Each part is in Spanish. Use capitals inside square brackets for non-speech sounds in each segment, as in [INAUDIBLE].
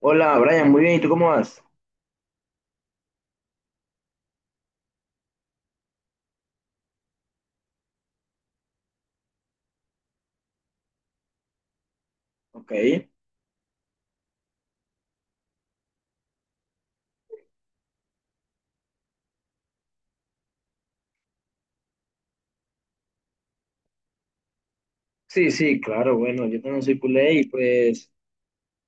Hola, Brian, muy bien, ¿y tú cómo vas? Ok. Sí, sí, claro, bueno, yo también soy culé y pues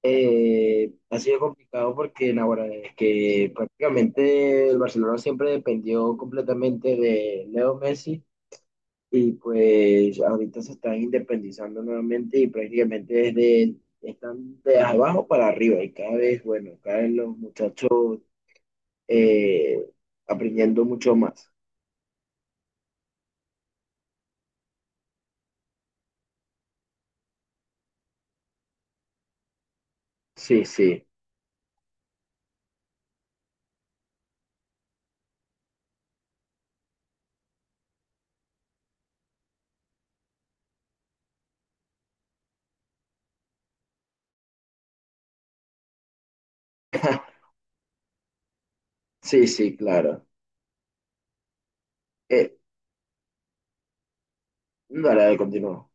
ha sido complicado porque ahora es que prácticamente el Barcelona siempre dependió completamente de Leo Messi, y pues ahorita se están independizando nuevamente y prácticamente desde están de abajo para arriba y cada vez, bueno, cada vez los muchachos eh, aprendiendo mucho más. Sí, sí. [LAUGHS] Sí, sí, claro. Eh, Dale, dale, continúa.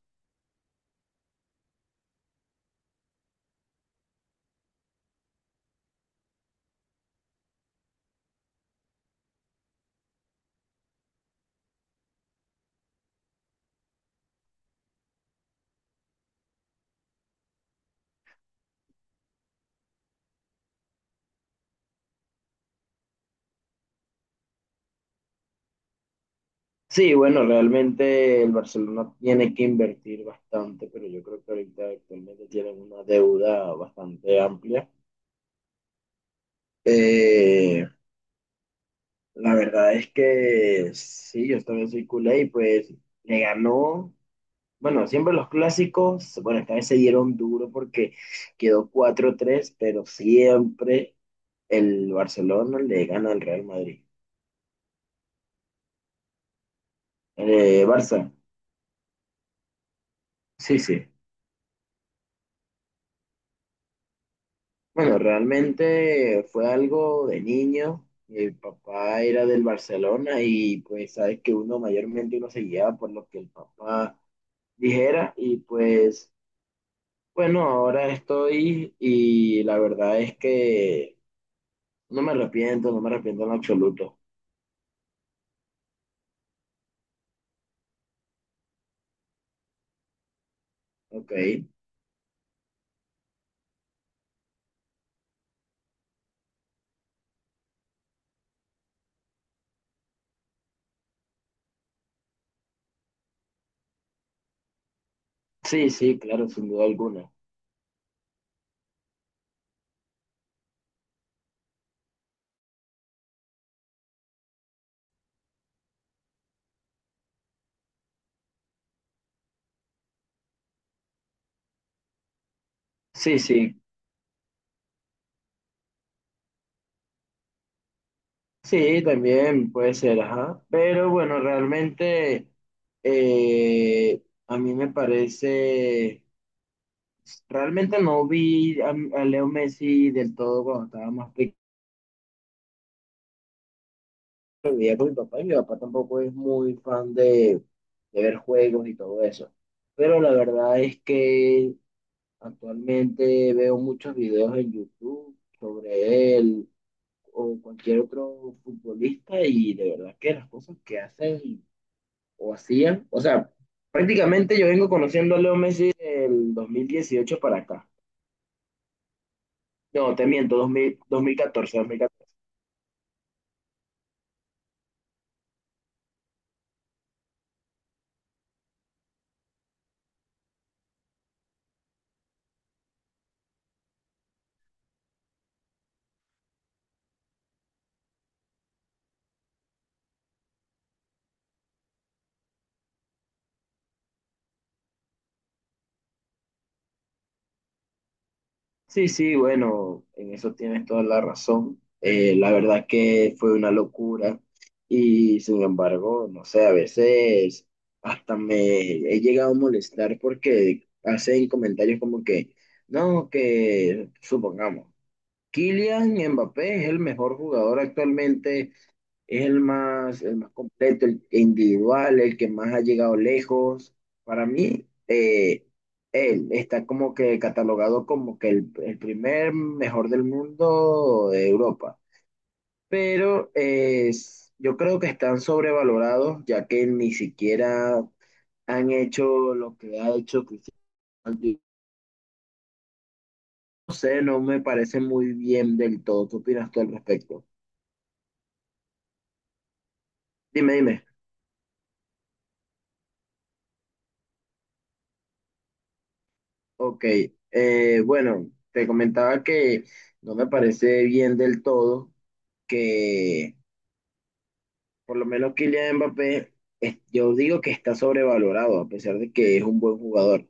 Sí, bueno, realmente el Barcelona tiene que invertir bastante, pero yo creo que ahorita actualmente tienen una deuda bastante amplia. Eh, la verdad es que sí, yo también soy culé y pues le ganó, bueno, siempre los clásicos, bueno, esta vez se dieron duro porque quedó cuatro tres pero siempre el Barcelona le gana al Real Madrid. Barça, sí, sí. Bueno, realmente fue algo de niño. Mi papá era del Barcelona y pues sabes que uno mayormente uno se guiaba por lo que el papá dijera y pues bueno, ahora estoy y la verdad es que no me arrepiento, no me arrepiento en absoluto. Ok. Sí, sí, claro, sin duda alguna. Sí, sí, sí, también puede ser, ajá. Pero bueno, realmente a mí me parece... Realmente no vi a Leo Messi del todo cuando estaba más pequeño, vivía con mi papá y mi papá tampoco es muy fan de ver juegos y todo eso. Pero la verdad es que actualmente veo muchos videos en YouTube sobre él o cualquier otro futbolista y de verdad que las cosas que hacen o hacían, o sea, prácticamente yo vengo conociendo a Leo Messi del 2018 para acá. No, te miento, 2000 2014, 2014. Sí, sí, bueno, en eso tienes toda la razón. La verdad que fue una locura y sin embargo, no sé, a veces hasta me he llegado a molestar porque hacen comentarios como que, no, que supongamos, Kylian Mbappé es el mejor jugador actualmente, es el más completo, el individual, el que más ha llegado lejos. Para mí, él está como que catalogado como que el primer mejor del mundo de Europa. Pero yo creo que están sobrevalorados, ya que ni siquiera han hecho lo que ha hecho Cristiano. Ronaldo. No sé, no me parece muy bien del todo. ¿Qué opinas tú al respecto? Dime, dime. Ok, bueno, te comentaba que no me parece bien del todo que por lo menos Kylian Mbappé, yo digo que está sobrevalorado a pesar de que es un buen jugador.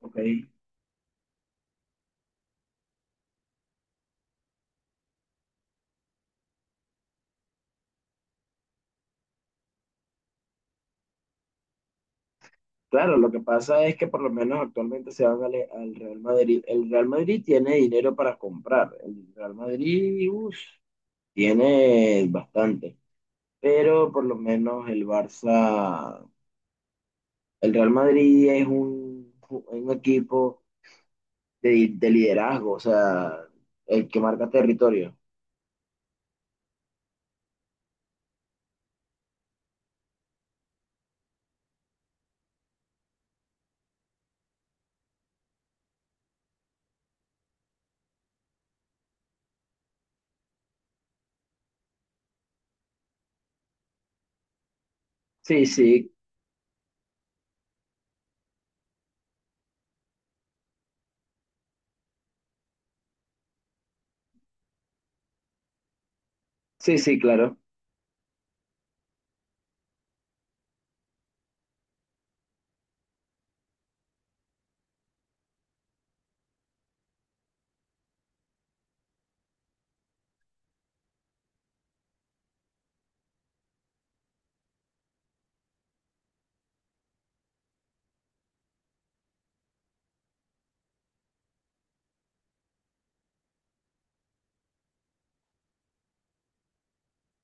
Ok, claro, lo que pasa es que por lo menos actualmente se van al, al Real Madrid. El Real Madrid tiene dinero para comprar. El Real Madrid, uff, tiene bastante, pero por lo menos el Barça, el Real Madrid es un equipo de liderazgo, o sea, el que marca territorio. Sí, sí, sí, sí, claro.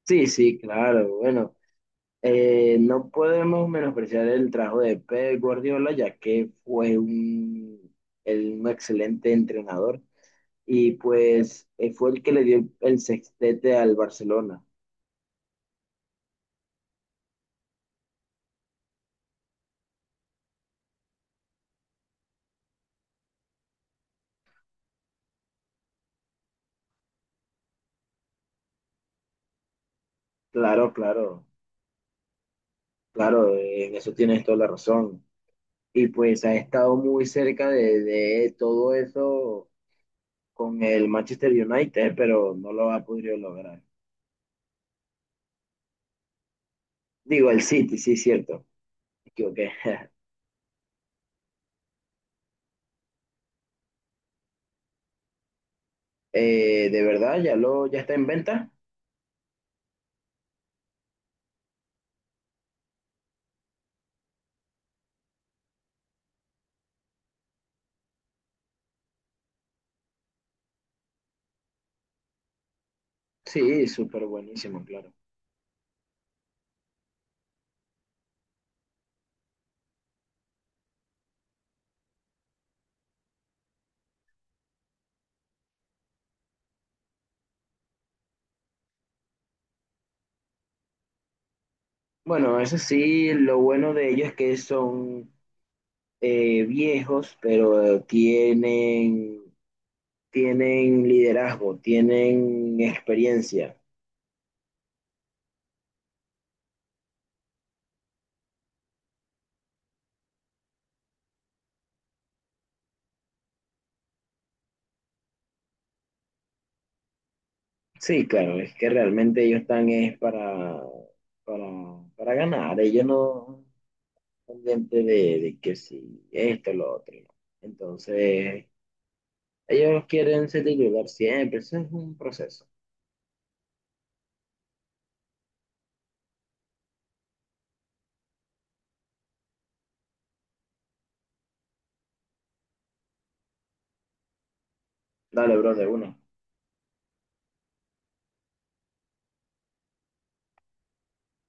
Sí, sí, claro. Bueno, no podemos menospreciar el trabajo de Pep Guardiola, ya que fue un, un excelente entrenador y pues fue el que le dio el sextete al Barcelona. Claro, claro, claro, en eso tienes toda la razón. Y pues ha estado muy cerca de todo eso con el Manchester United, pero no lo ha podido lograr. Digo, el City, sí, cierto. Me equivoqué. [LAUGHS] De verdad, ya lo, ya está en venta. Sí, súper buenísimo, claro. Bueno, eso sí, lo bueno de ellos es que son viejos, pero tienen, tienen liderazgo, tienen experiencia. Sí, claro, es que realmente ellos están es para, para ganar. Ellos no, pendiente de que si esto, lo otro. ¿No? Entonces, ellos quieren ser titular siempre, eso es un proceso. Dale, bro, de uno.